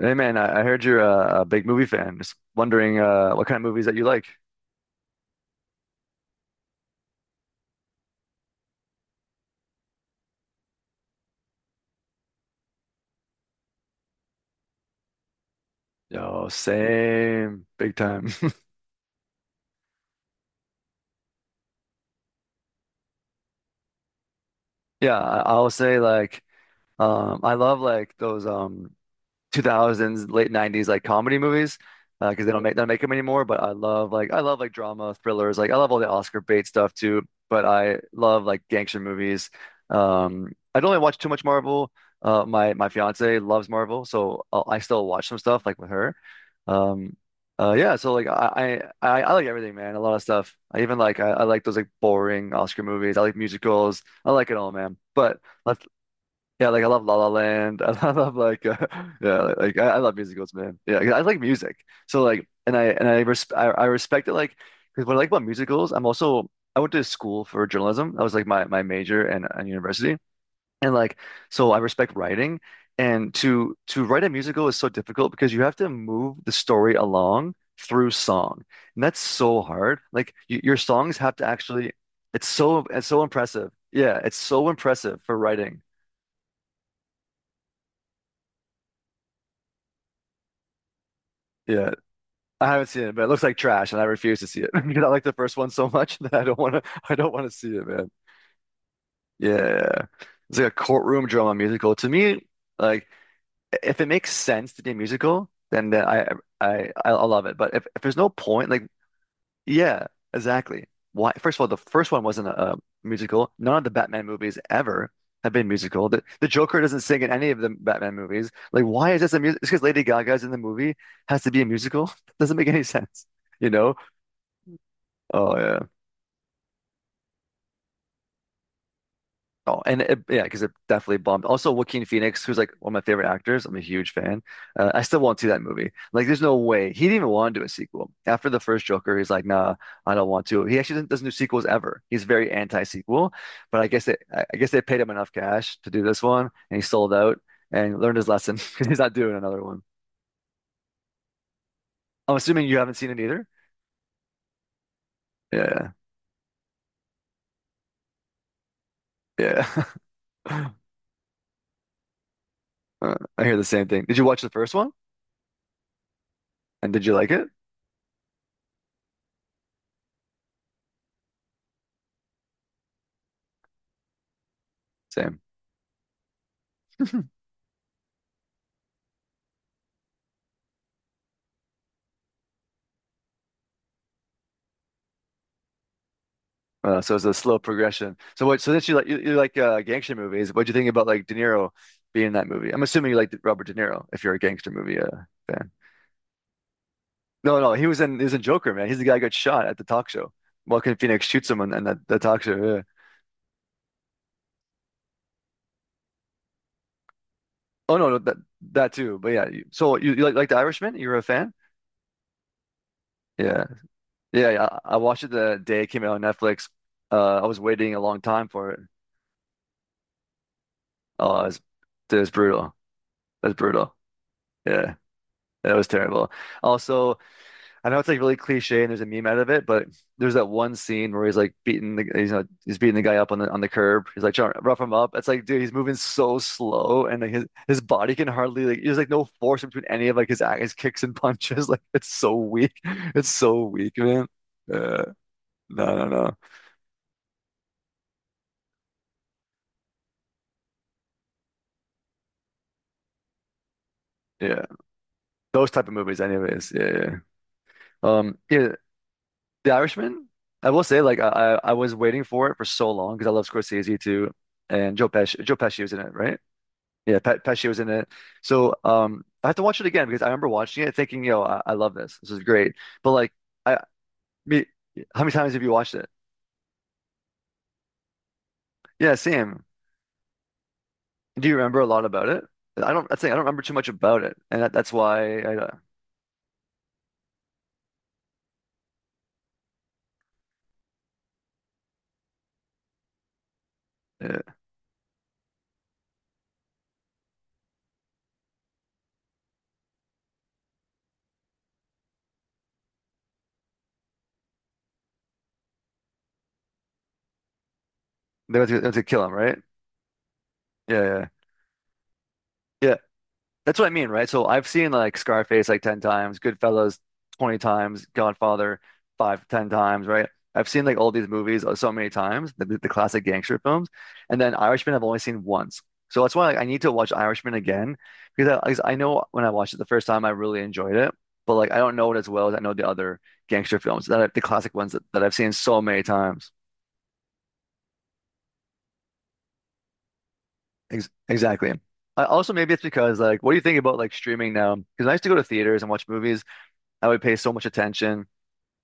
Hey man, I heard you're a big movie fan. Just wondering what kind of movies that you like. Yo, same, big time. Yeah, I, I'll say like I love like those 2000s, late 90s like comedy movies because they don't make them anymore. But I love like drama, thrillers. Like I love all the Oscar bait stuff too. But I love like gangster movies. I don't really watch too much Marvel. My fiance loves Marvel, so I still watch some stuff like with her. Um, yeah, so I like everything, man. A lot of stuff. I like those like boring Oscar movies. I like musicals. I like it all, man. But let's Yeah, like I love La La Land. I love yeah, I love musicals, man. Yeah, 'cause I like music. So like, and I res I respect it. Like, because what I like about musicals, I went to school for journalism. That was like my major and university, and like so I respect writing. And to write a musical is so difficult because you have to move the story along through song, and that's so hard. Like y your songs have to it's so impressive. Yeah, it's so impressive for writing. Yeah. I haven't seen it, but it looks like trash, and I refuse to see it because I like the first one so much that I don't want to. I don't want to see it, man. Yeah, it's like a courtroom drama musical to me. Like, if it makes sense to be a musical, then I'll love it. But if there's no point, like, yeah, exactly. Why? First of all, the first one wasn't a musical. None of the Batman movies ever have been musical. The Joker doesn't sing in any of the Batman movies. Like, why is this a music? It's because Lady Gaga's in the movie has to be a musical. Doesn't make any sense. You know, oh yeah. Oh, yeah, because it definitely bombed. Also, Joaquin Phoenix, who's like one of my favorite actors. I'm a huge fan. I still won't see that movie. Like, there's no way he didn't even want to do a sequel. After the first Joker, he's like, nah, I don't want to. He actually doesn't do sequels ever. He's very anti-sequel. But I guess they paid him enough cash to do this one, and he sold out and learned his lesson because he's not doing another one. I'm assuming you haven't seen it either. Yeah, yeah. I hear the same thing. Did you watch the first one? And did you like it? Same. So it's a slow progression. So what? So that you like gangster movies. What do you think about like De Niro being in that movie? I'm assuming you like Robert De Niro if you're a gangster movie fan. No, no, he was in Joker, man. He's the guy who got shot at the talk show. Joaquin Phoenix shoots him on that talk show. Yeah. Oh no, that too. But yeah, you like The Irishman? You were a fan? Yeah, yeah. I watched it the day it came out on Netflix. I was waiting a long time for it. Oh, it was, it was brutal. That's brutal. Yeah, that was terrible. Also, I know it's like really cliche and there's a meme out of it, but there's that one scene where he's beating the guy up on the curb. He's like trying to rough him up. It's like, dude, he's moving so slow and like his body can hardly like there's like no force between any of like his kicks and punches. Like it's so weak. It's so weak, man. Uh, no, no, no. Yeah, those type of movies, anyways. Yeah, yeah. Yeah, The Irishman. I will say, like, I was waiting for it for so long because I love Scorsese too, and Joe Pesci. Joe Pesci was in it, right? Yeah, Pat Pesci was in it. So I have to watch it again because I remember watching it thinking, yo, I love this. This is great. But like I me How many times have you watched it? Yeah, same. Do you remember a lot about it? I'd say I don't remember too much about it. And that's why I yeah. They went to kill him, right? Yeah, yeah. Yeah. Yeah. That's what I mean, right? So I've seen like Scarface like 10 times, Goodfellas 20 times, Godfather 5, 10 times, right? I've seen like all these movies so many times, the classic gangster films. And then Irishman I've only seen once. So that's why like, I need to watch Irishman again because 'cause I know when I watched it the first time I really enjoyed it, but like I don't know it as well as I know the other gangster films the classic ones that I've seen so many times. Ex Exactly. I also maybe it's because like what do you think about like streaming now? Because I used to go to theaters and watch movies I would pay so much attention.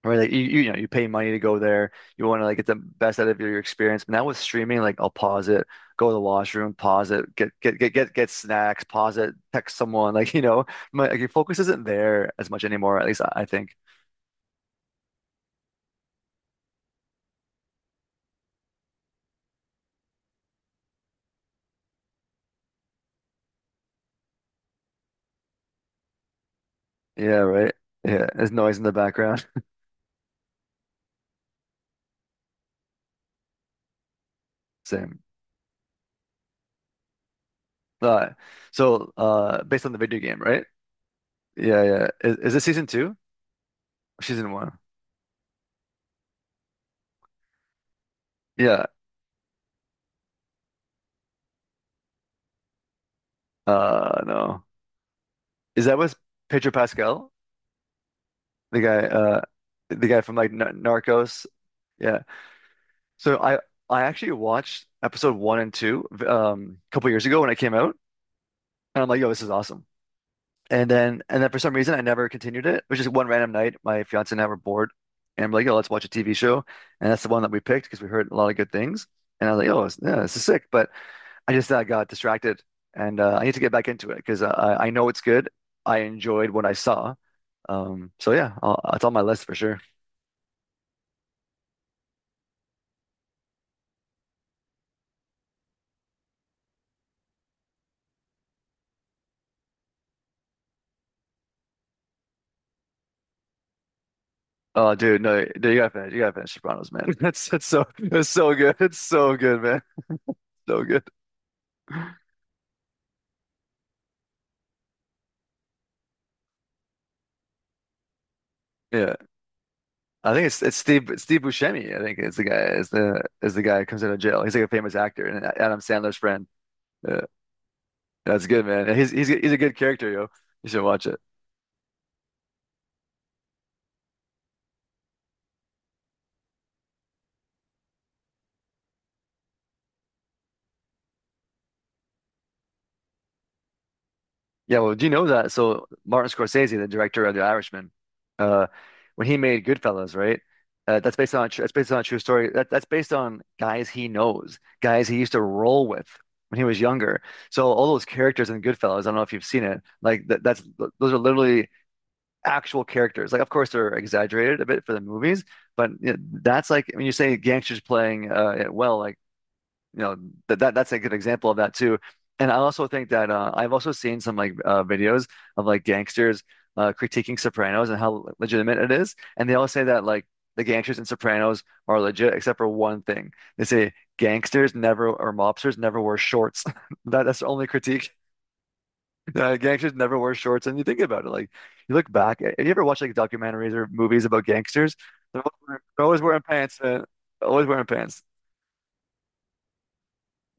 Or like you know, you pay money to go there. You want to like get the best out of your experience. But now with streaming, like I'll pause it, go to the washroom, pause it, get snacks, pause it, text someone. Like you know, your focus isn't there as much anymore. At least I think. Yeah, right. Yeah, there's noise in the background. Same. Uh, Based on the video game, right? Yeah, yeah. Is this season two? Or season one? Yeah. No. Is that with Pedro Pascal? The guy, uh, the guy from like N Narcos. Yeah. So I actually watched episode one and two a couple years ago when it came out, and I'm like, yo, this is awesome. And then for some reason I never continued it. It was just one random night. My fiance and I were bored, and I'm like, yo, let's watch a TV show, and that's the one that we picked because we heard a lot of good things. And I was like, yeah, this is sick. But I just got distracted, and I need to get back into it because I know it's good. I enjoyed what I saw. So yeah, it's on my list for sure. Oh, dude, no, dude, you gotta finish. You gotta finish Sopranos, man. It's so good. It's so good, man. So good. Yeah, I think it's Steve Buscemi. I think is the guy who comes out of jail. He's like a famous actor and Adam Sandler's friend. Yeah, that's good, man. And he's a good character, yo. You should watch it. Yeah, well, do you know that? So Martin Scorsese, the director of The Irishman, uh, when he made Goodfellas, right? That's based on a true story. That's based on guys he knows, guys he used to roll with when he was younger. So all those characters in Goodfellas, I don't know if you've seen it, that's those are literally actual characters. Like, of course, they're exaggerated a bit for the movies, but you know, that's like when you say gangsters playing like, you know that that's a good example of that too. And I also think that I've also seen some videos of like gangsters critiquing Sopranos and how legitimate it is, and they all say that like the gangsters in Sopranos are legit except for one thing. They say gangsters never or mobsters never wear shorts. That's the only critique. Gangsters never wear shorts, and you think about it, like you look back. Have you ever watched like documentaries or movies about gangsters? They're always wearing pants, man. Always wearing pants.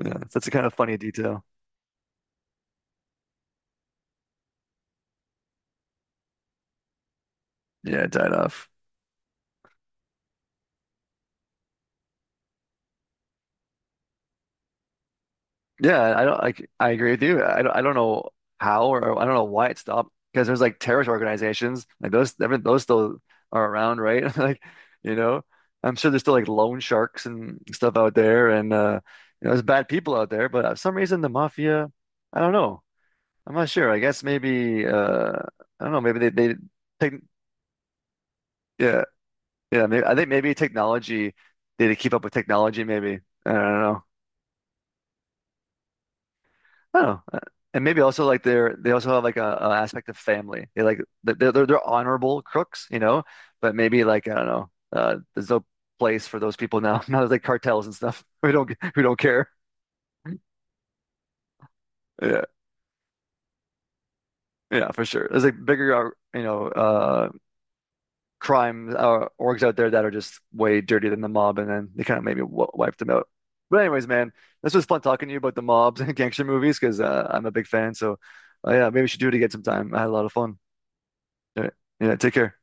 Yeah, that's a kind of funny detail. Yeah, it died off. Yeah, I don't like I agree with you. I don't know how or I don't know why it stopped because there's like terrorist organizations like those I mean, those still are around, right? Like, you know, I'm sure there's still like loan sharks and stuff out there and you know, there's bad people out there, but for some reason the mafia, I don't know. I'm not sure. I guess maybe I don't know, maybe they take yeah, yeah, maybe I think maybe technology they had to keep up with technology maybe. I don't know. Oh, and maybe also like they also have like a aspect of family. They they're honorable crooks, you know, but maybe like I don't know, there's no place for those people now. Now there's like cartels and stuff. We don't care. Yeah, yeah, for sure. There's like you know, crime orgs out there that are just way dirtier than the mob, and then they kind of maybe w wiped them out. But anyways, man, this was fun talking to you about the mobs and gangster movies because I'm a big fan. So yeah, maybe we should do it again sometime. I had a lot of fun. All right. Yeah, take care.